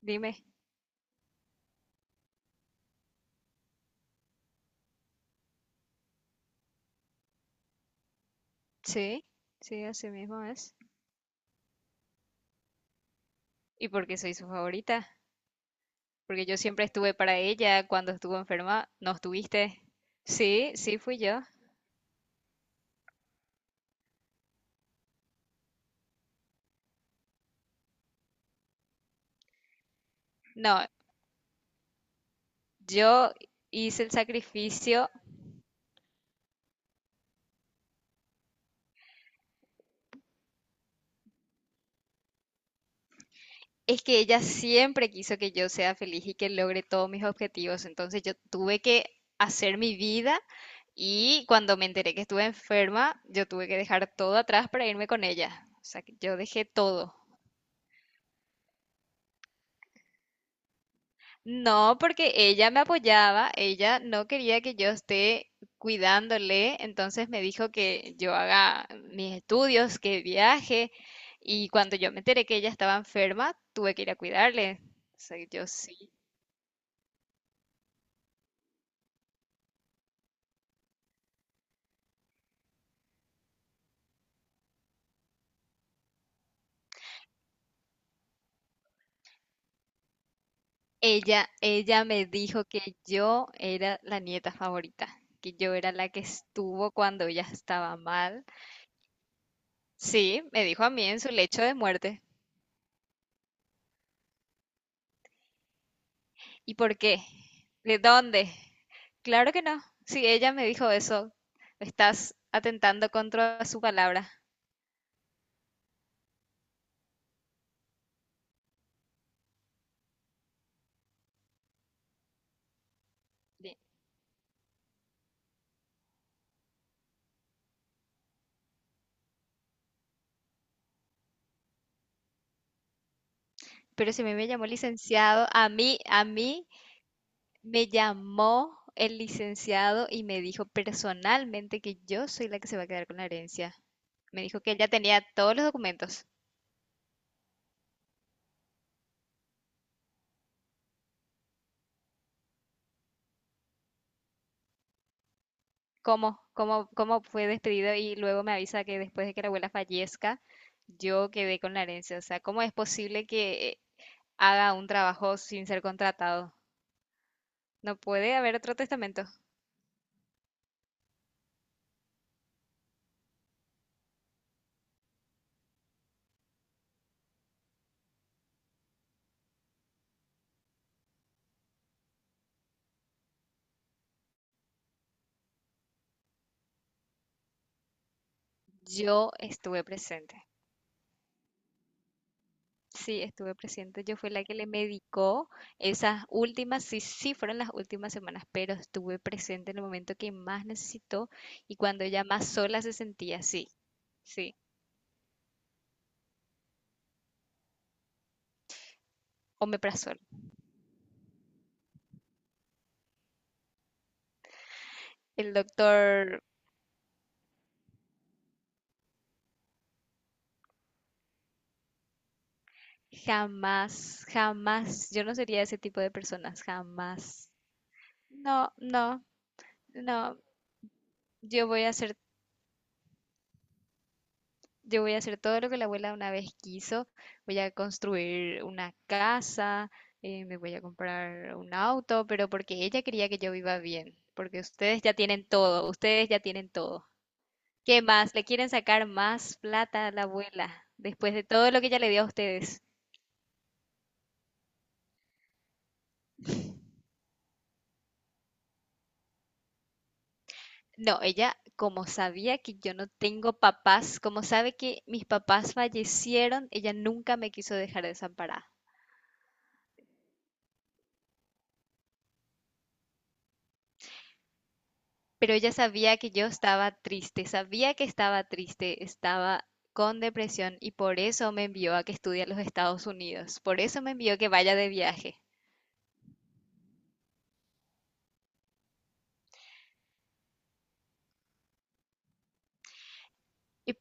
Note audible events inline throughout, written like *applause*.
Dime, sí, sí, así mismo es. ¿Y por qué soy su favorita? Porque yo siempre estuve para ella cuando estuvo enferma. ¿No estuviste? Sí, sí, fui yo. No, yo hice el sacrificio. Es que ella siempre quiso que yo sea feliz y que logre todos mis objetivos. Entonces yo tuve que hacer mi vida y cuando me enteré que estuve enferma, yo tuve que dejar todo atrás para irme con ella. O sea, que yo dejé todo. No, porque ella me apoyaba, ella no quería que yo esté cuidándole, entonces me dijo que yo haga mis estudios, que viaje, y cuando yo me enteré que ella estaba enferma, tuve que ir a cuidarle. O sea, yo sí. Ella me dijo que yo era la nieta favorita, que yo era la que estuvo cuando ella estaba mal. Sí, me dijo a mí en su lecho de muerte. ¿Y por qué? ¿De dónde? Claro que no. Si ella me dijo eso, estás atentando contra su palabra. Bien. Pero si a mí me llamó licenciado, a mí me llamó el licenciado y me dijo personalmente que yo soy la que se va a quedar con la herencia. Me dijo que ella tenía todos los documentos. ¿Cómo fue despedido y luego me avisa que después de que la abuela fallezca, yo quedé con la herencia? O sea, ¿cómo es posible que haga un trabajo sin ser contratado? No puede haber otro testamento. Yo estuve presente. Sí, estuve presente. Yo fui la que le medicó esas últimas, sí, sí fueron las últimas semanas, pero estuve presente en el momento que más necesitó y cuando ella más sola se sentía, sí, sí, omeprazol. El doctor. Jamás, jamás. Yo no sería ese tipo de personas, jamás. No, no, no. Yo voy a hacer, yo voy a hacer todo lo que la abuela una vez quiso. Voy a construir una casa, me voy a comprar un auto, pero porque ella quería que yo viva bien. Porque ustedes ya tienen todo, ustedes ya tienen todo. ¿Qué más? ¿Le quieren sacar más plata a la abuela después de todo lo que ella le dio a ustedes? No, ella, como sabía que yo no tengo papás, como sabe que mis papás fallecieron, ella nunca me quiso dejar desamparada. Pero ella sabía que yo estaba triste, sabía que estaba triste, estaba con depresión y por eso me envió a que estudie en los Estados Unidos, por eso me envió que vaya de viaje. Y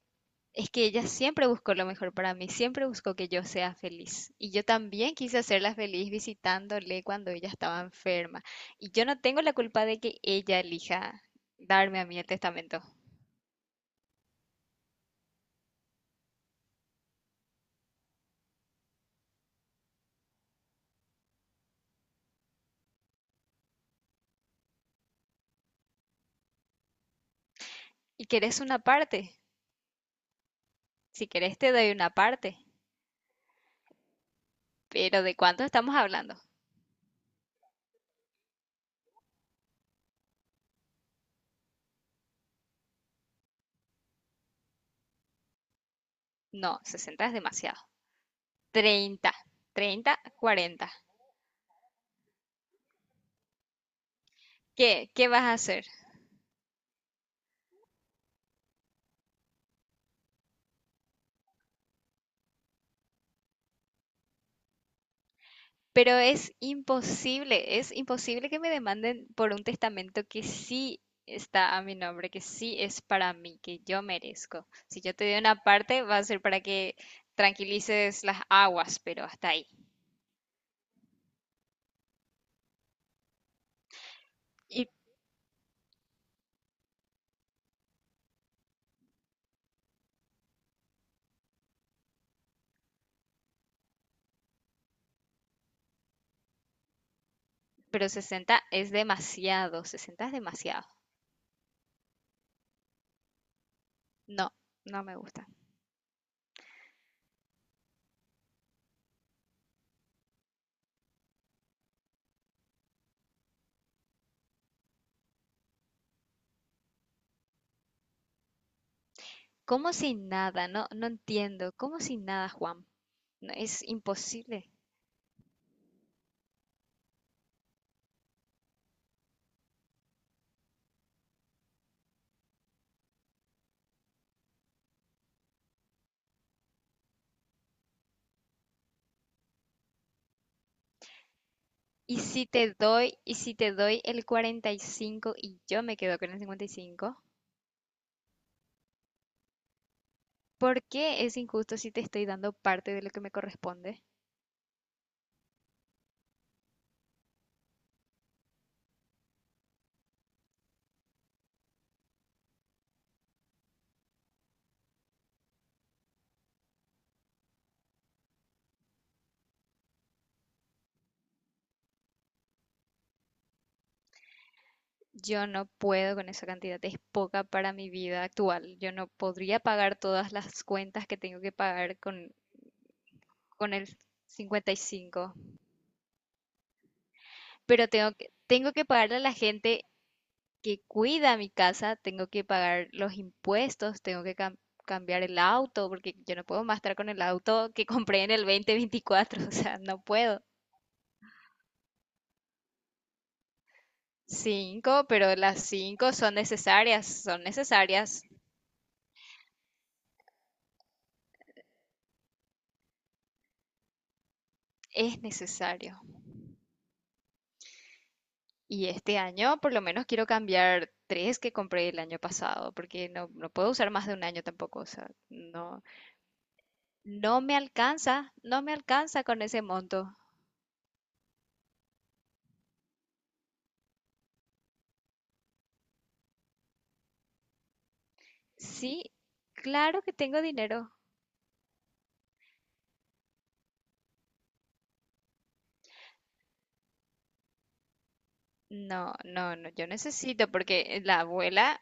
Es que ella siempre buscó lo mejor para mí, siempre buscó que yo sea feliz. Y yo también quise hacerla feliz visitándole cuando ella estaba enferma. Y yo no tengo la culpa de que ella elija darme a mí el testamento. ¿Y querés una parte? Si querés te doy una parte. Pero ¿de cuánto estamos hablando? No, 60 es demasiado. 30, 30, 40. ¿Qué? ¿Qué vas a hacer? Pero es imposible que me demanden por un testamento que sí está a mi nombre, que sí es para mí, que yo merezco. Si yo te doy una parte, va a ser para que tranquilices las aguas, pero hasta ahí. Y, pero 60 es demasiado, 60 es demasiado. No, no me gusta. Como si nada, no, no entiendo. Como si nada, Juan. No, es imposible. Y si te doy el 45 y yo me quedo con el 55? ¿Por qué es injusto si te estoy dando parte de lo que me corresponde? Yo no puedo con esa cantidad, es poca para mi vida actual. Yo no podría pagar todas las cuentas que tengo que pagar con el cincuenta y cinco. Pero tengo que pagarle a la gente que cuida mi casa, tengo que pagar los impuestos, tengo que cambiar el auto, porque yo no puedo más estar con el auto que *laughs* compré en el 2024. *laughs* O sea, no puedo. Cinco, pero las cinco son necesarias, son necesarias. Es necesario. Y este año por lo menos quiero cambiar tres que compré el año pasado, porque no, no puedo usar más de un año tampoco. O sea, no, no me alcanza, no me alcanza con ese monto. Sí, claro que tengo dinero. No, no, no, yo necesito, porque la abuela,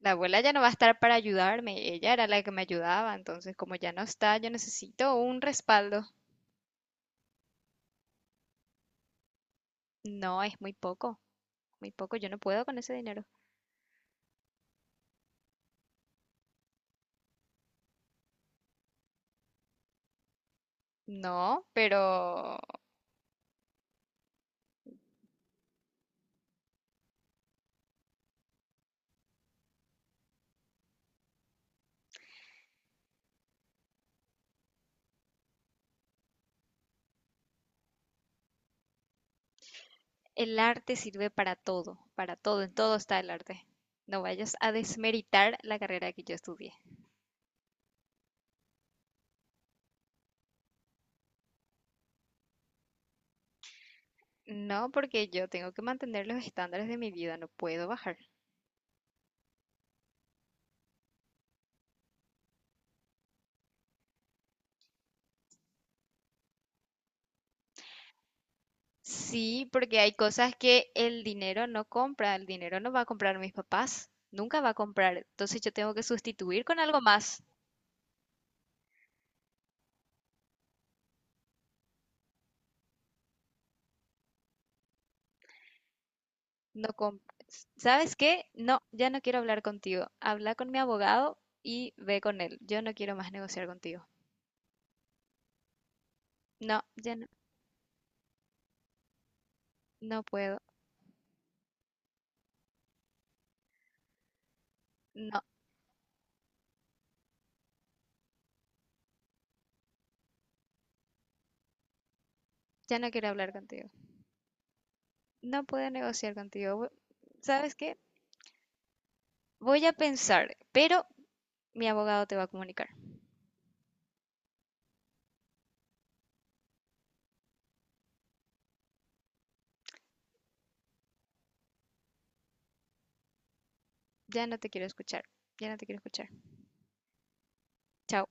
la abuela ya no va a estar para ayudarme. Ella era la que me ayudaba, entonces como ya no está, yo necesito un respaldo. No, es muy poco, yo no puedo con ese dinero. No, pero. El arte sirve para todo, en todo está el arte. No vayas a desmeritar la carrera que yo estudié. No, porque yo tengo que mantener los estándares de mi vida, no puedo bajar. Sí, porque hay cosas que el dinero no compra, el dinero no va a comprar mis papás, nunca va a comprar, entonces yo tengo que sustituir con algo más. No com- ¿Sabes qué? No, ya no quiero hablar contigo. Habla con mi abogado y ve con él. Yo no quiero más negociar contigo. No, ya no, no puedo. No, ya no quiero hablar contigo. No puedo negociar contigo. ¿Sabes qué? Voy a pensar, pero mi abogado te va a comunicar. Ya no te quiero escuchar. Ya no te quiero escuchar. Chao.